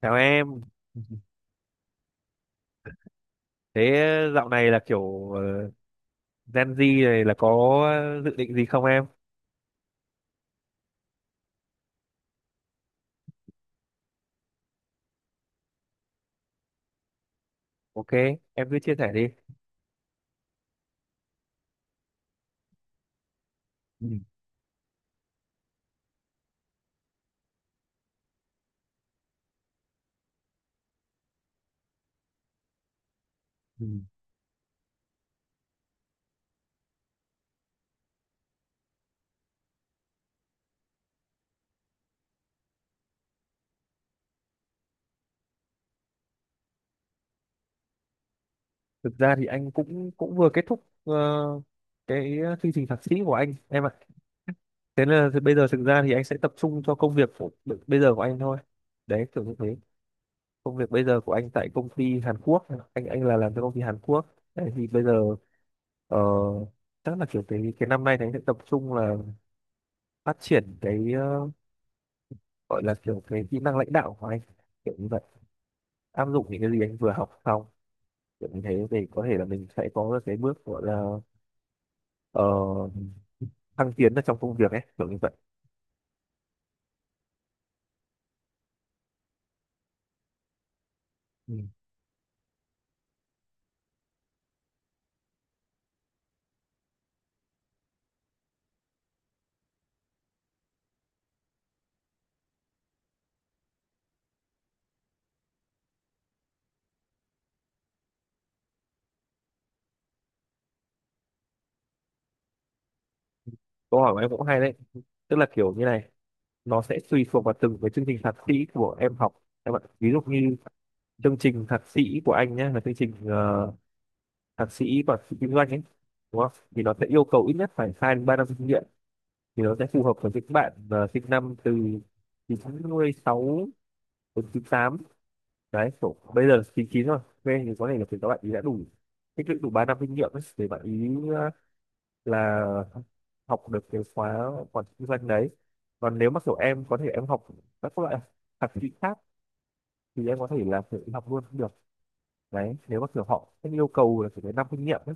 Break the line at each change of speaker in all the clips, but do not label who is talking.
Chào em. Thế dạo này là kiểu Gen Z này là có dự định gì không em? Ok, em cứ chia sẻ đi. Ừ. Ừ. Thực ra thì anh cũng cũng vừa kết thúc cái chương trình thạc sĩ của anh em ạ. Thế là thì bây giờ thực ra thì anh sẽ tập trung cho công việc của bây giờ của anh thôi. Đấy, kiểu như thế. Công việc bây giờ của anh tại công ty Hàn Quốc, anh là làm cho công ty Hàn Quốc. Đấy, thì bây giờ ờ, chắc là kiểu cái năm nay thì anh sẽ tập trung là phát triển cái gọi là kiểu cái kỹ năng lãnh đạo của anh kiểu như vậy, áp dụng những cái gì anh vừa học xong, kiểu như thế thì có thể là mình sẽ có được cái bước gọi là ờ, thăng tiến ở trong công việc ấy, kiểu như vậy. Ừ. Câu hỏi của em cũng hay đấy, tức là kiểu như này, nó sẽ tùy thuộc vào từng cái chương trình thạc sĩ của em học các bạn, ví dụ như chương trình thạc sĩ của anh nhé, là chương trình thạc sĩ quản trị kinh doanh ấy, đúng không, thì nó sẽ yêu cầu ít nhất phải 2 đến 3 năm kinh nghiệm. Thì nó sẽ phù hợp với những bạn sinh năm từ 96 đến 98, đấy kiểu bây giờ 99 rồi. Thế thì có thể là các bạn ý đã đủ tích lũy đủ 3 năm kinh nghiệm ấy, để bạn ý ờ, là học được cái khóa quản trị kinh doanh đấy. Còn nếu mà kiểu em có thể em học các loại thạc sĩ khác thì em có thể là tự học luôn cũng được, đấy nếu mà kiểu họ sẽ yêu cầu là phải đến năm kinh nghiệm ấy.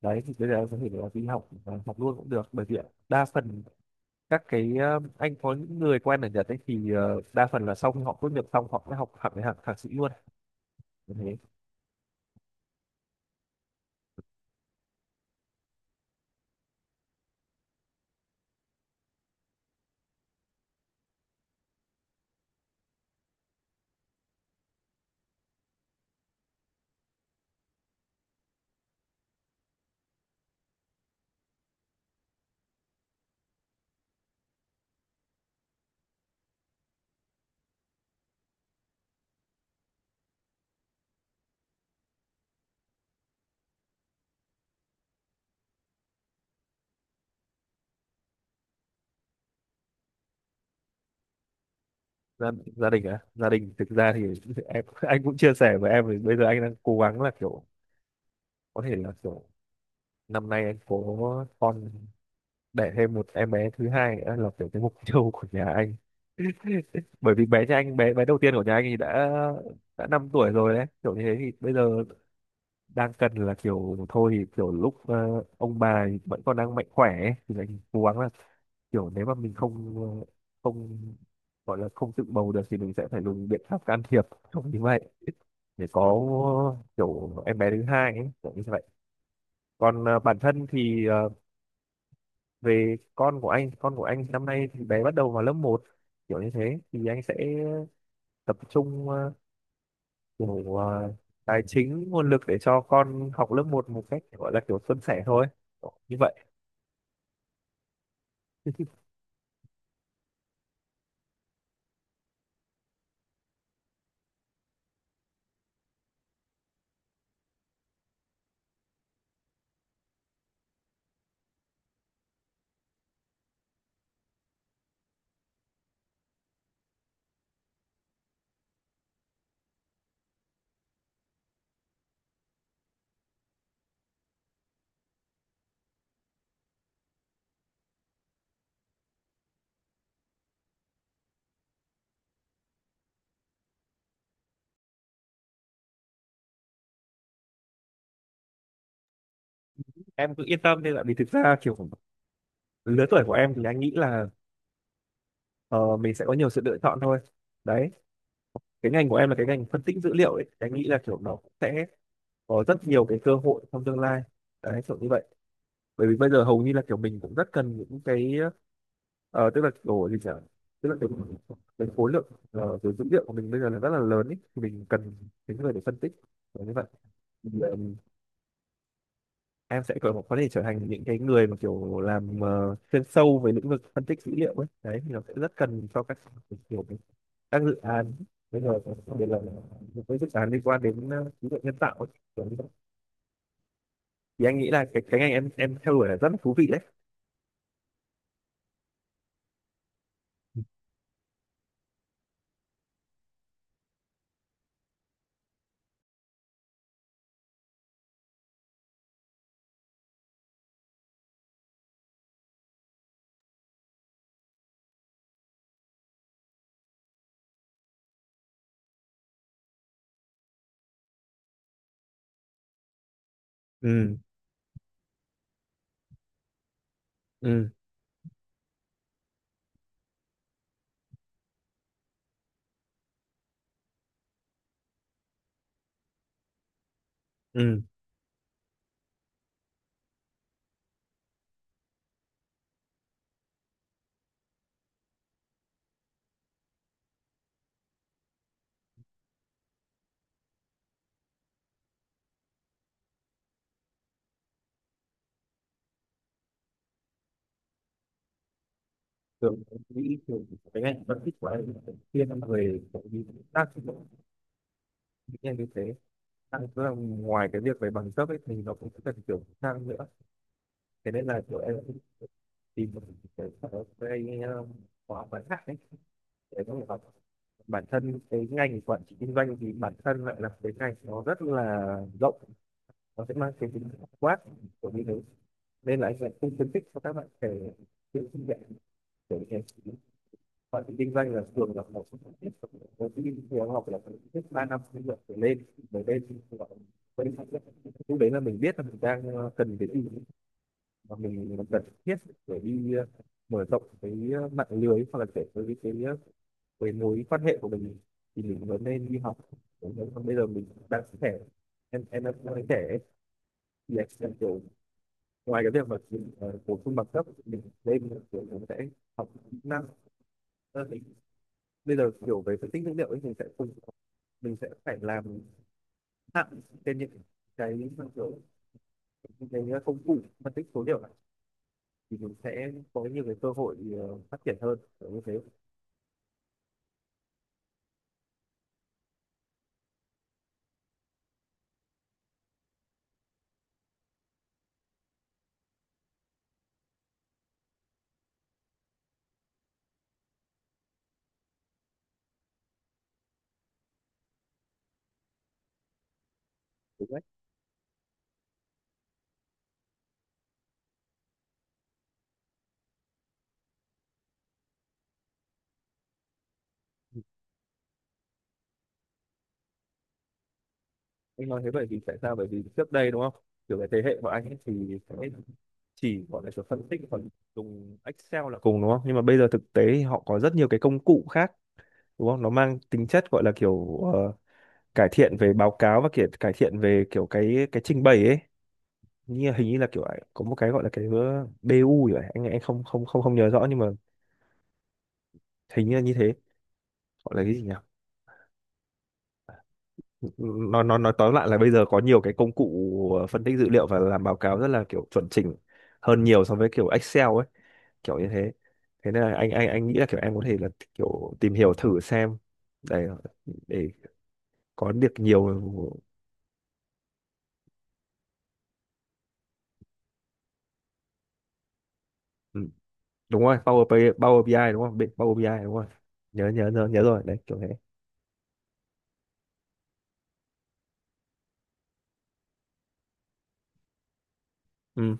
Đấy thì bây giờ em có thể là đi học học luôn cũng được, bởi vì đa phần các cái anh có những người quen ở Nhật ấy, thì đa phần là sau khi họ tốt nghiệp xong họ sẽ học hẳn cái hạng thạc sĩ luôn thế. gia, Gia đình à, gia đình thực ra thì em anh cũng chia sẻ với em, thì bây giờ anh đang cố gắng là kiểu có thể là kiểu năm nay anh có con, đẻ thêm một em bé thứ hai nữa, là kiểu cái mục tiêu của nhà anh. Bởi vì bé nhà anh, bé bé đầu tiên của nhà anh thì đã 5 tuổi rồi, đấy kiểu như thế thì bây giờ đang cần là kiểu thôi thì kiểu lúc ông bà thì vẫn còn đang mạnh khỏe ấy, thì anh cố gắng là kiểu nếu mà mình không không gọi là không tự bầu được thì mình sẽ phải dùng biện pháp can thiệp không như vậy, để có kiểu em bé thứ hai ấy, kiểu như vậy. Còn bản thân thì về con của anh năm nay thì bé bắt đầu vào lớp một, kiểu như thế thì anh sẽ tập trung kiểu tài chính nguồn lực để cho con học lớp một một cách gọi là kiểu suôn sẻ thôi. Kiểu như vậy. Em cứ yên tâm đi, là vì thực ra kiểu lứa tuổi của em thì anh nghĩ là ờ, mình sẽ có nhiều sự lựa chọn thôi đấy. Cái ngành của em là cái ngành phân tích dữ liệu ấy, thì anh nghĩ là kiểu nó cũng sẽ có rất nhiều cái cơ hội trong tương lai đấy, kiểu như vậy. Bởi vì bây giờ hầu như là kiểu mình cũng rất cần những cái tức là kiểu gì nhở? Tức là cái khối lượng cái dữ liệu của mình bây giờ là rất là lớn ấy, thì mình cần những người để phân tích, kiểu như vậy. Ừ, em sẽ có thể trở thành những cái người mà kiểu làm chuyên sâu về lĩnh vực phân tích dữ liệu ấy, đấy thì nó sẽ rất cần cho các kiểu các dự án bây giờ, đặc biệt là những cái dự án liên quan đến trí tuệ nhân tạo ấy. Kiểu như vậy. Thì anh nghĩ là cái ngành em theo đuổi là rất là thú vị đấy. Ừ. Ừ. Ừ. Thường em nghĩ thường cái ngành phân tích của anh là thiên về kiểu như tác dụng những ngành như thế. Tức là ngoài cái việc về bằng cấp ấy thì nó cũng cần kiểu sang nữa, thế nên là kiểu em tìm một cái sở cái khóa ngắn hạn ấy để có thể học. Bản thân cái ngành quản trị kinh doanh thì bản thân lại là cái ngành nó rất là rộng, nó sẽ mang cái tính quát của như thế nên là anh lại không khuyến khích cho các bạn trẻ tự sinh dạy để như thế. Bạn tự kinh doanh là thường là một trong những tiết của tự kinh thì học là phải ít 3 năm kinh nghiệm trở lên, bởi đây thì gọi là vẫn lúc đấy là mình biết là mình đang cần cái gì và mình, cần thiết để đi mở rộng cái mạng lưới hoặc là để với cái mối quan hệ của mình, thì mình vẫn nên đi học. Đúng rồi. Còn bây giờ mình đang trẻ, em đang trẻ ấy, thì em kiểu ngoài cái việc mà bổ sung bằng cấp mình lên mình kiểu mình sẽ học kỹ năng. Thì bây giờ kiểu về phân tích dữ liệu ấy mình sẽ cùng mình sẽ phải làm hạn trên những cái kiểu những cái công cụ phân tích số liệu này, thì mình sẽ có nhiều cái cơ hội phát triển hơn, kiểu như thế. Đúng đấy. Anh nói thế bởi vì tại sao, bởi vì trước đây đúng không, kiểu cái thế hệ của anh ấy thì sẽ chỉ gọi là kiểu phân tích còn dùng Excel là cùng đúng không, nhưng mà bây giờ thực tế thì họ có rất nhiều cái công cụ khác đúng không, nó mang tính chất gọi là kiểu cải thiện về báo cáo và kiểu cải thiện về kiểu cái trình bày ấy, như hình như là kiểu à, có một cái gọi là cái BU vậy, anh không không không không nhớ rõ, nhưng mà hình như là như thế, gọi là cái gì nhỉ? Nó nói tóm lại là bây giờ có nhiều cái công cụ phân tích dữ liệu và làm báo cáo rất là kiểu chuẩn chỉnh hơn nhiều so với kiểu Excel ấy, kiểu như thế. Thế nên là anh nghĩ là kiểu em có thể là kiểu tìm hiểu thử xem, để để có được nhiều. Ừ, đúng rồi Power BI, ai, Power BI ai đúng không, Power BI ai đúng rồi, nhớ nhớ nhớ nhớ rồi đấy kiểu thế. Ừ.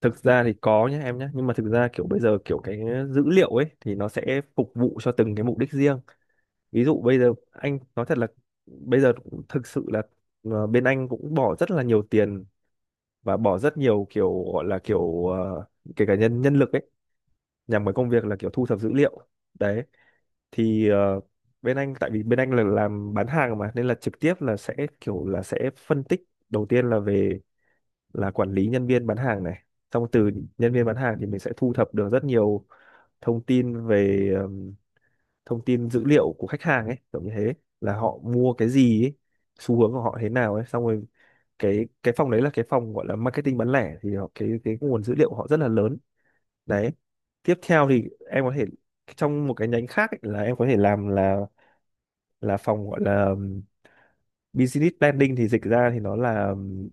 Thực ra thì có nhé em nhé. Nhưng mà thực ra kiểu bây giờ kiểu cái dữ liệu ấy thì nó sẽ phục vụ cho từng cái mục đích riêng, ví dụ bây giờ anh nói thật là bây giờ cũng thực sự là bên anh cũng bỏ rất là nhiều tiền và bỏ rất nhiều kiểu gọi là kiểu kể cả nhân nhân lực ấy, nhằm vào công việc là kiểu thu thập dữ liệu, đấy thì bên anh, tại vì bên anh là làm bán hàng mà, nên là trực tiếp là sẽ kiểu là sẽ phân tích. Đầu tiên là về là quản lý nhân viên bán hàng này, xong từ nhân viên bán hàng thì mình sẽ thu thập được rất nhiều thông tin về thông tin dữ liệu của khách hàng ấy, kiểu như thế, là họ mua cái gì ấy, xu hướng của họ thế nào ấy, xong rồi cái phòng đấy là cái phòng gọi là marketing bán lẻ thì họ, cái nguồn dữ liệu của họ rất là lớn đấy. Tiếp theo thì em có thể trong một cái nhánh khác ấy, là em có thể làm là phòng gọi là business planning, thì dịch ra thì nó là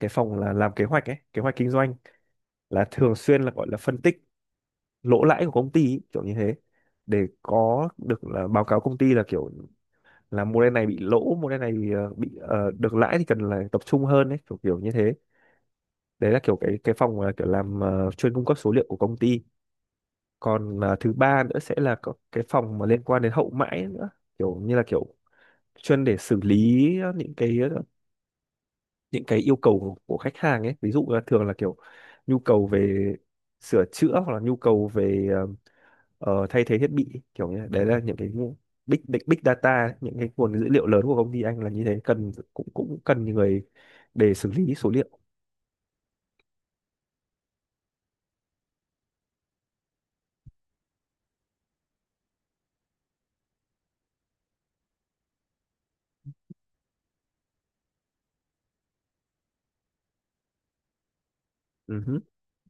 cái phòng là làm kế hoạch ấy, kế hoạch kinh doanh, là thường xuyên là gọi là phân tích lỗ lãi của công ty ý, kiểu như thế, để có được là báo cáo công ty là kiểu là mô đen này bị lỗ, mô đen này bị được lãi thì cần là tập trung hơn ấy, kiểu kiểu như thế. Đấy là kiểu cái phòng là kiểu làm chuyên cung cấp số liệu của công ty. Còn thứ ba nữa sẽ là có cái phòng mà liên quan đến hậu mãi nữa, kiểu như là kiểu chuyên để xử lý những cái những cái yêu cầu của khách hàng ấy, ví dụ là thường là kiểu nhu cầu về sửa chữa hoặc là nhu cầu về thay thế thiết bị, kiểu như thế. Đấy là những cái big big big data, những cái nguồn dữ liệu lớn của công ty anh là như thế, cần cũng cũng cần người để xử lý số liệu. Ừ hứ,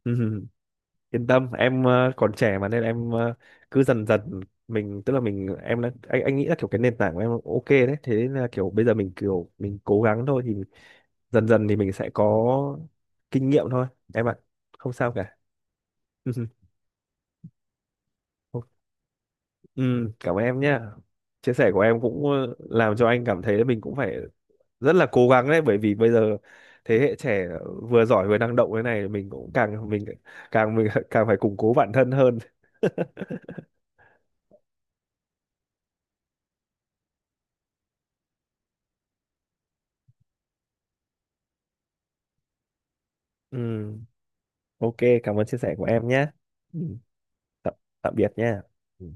ừ hứ. Yên tâm em, còn trẻ mà nên em, cứ dần dần mình, tức là mình em đã, anh nghĩ là kiểu cái nền tảng của em ok đấy, thế nên là kiểu bây giờ mình kiểu mình cố gắng thôi thì dần dần thì mình sẽ có kinh nghiệm thôi em ạ, không sao cả. Ừ, cảm ơn em nhé, chia sẻ của em cũng làm cho anh cảm thấy là mình cũng phải rất là cố gắng đấy, bởi vì bây giờ thế hệ trẻ vừa giỏi vừa năng động thế này, mình cũng càng mình càng phải củng cố bản thân hơn. Ừ, ok, cảm ơn chia sẻ của em nhé. Ừ, tạm, tạm biệt nhé. Ừ.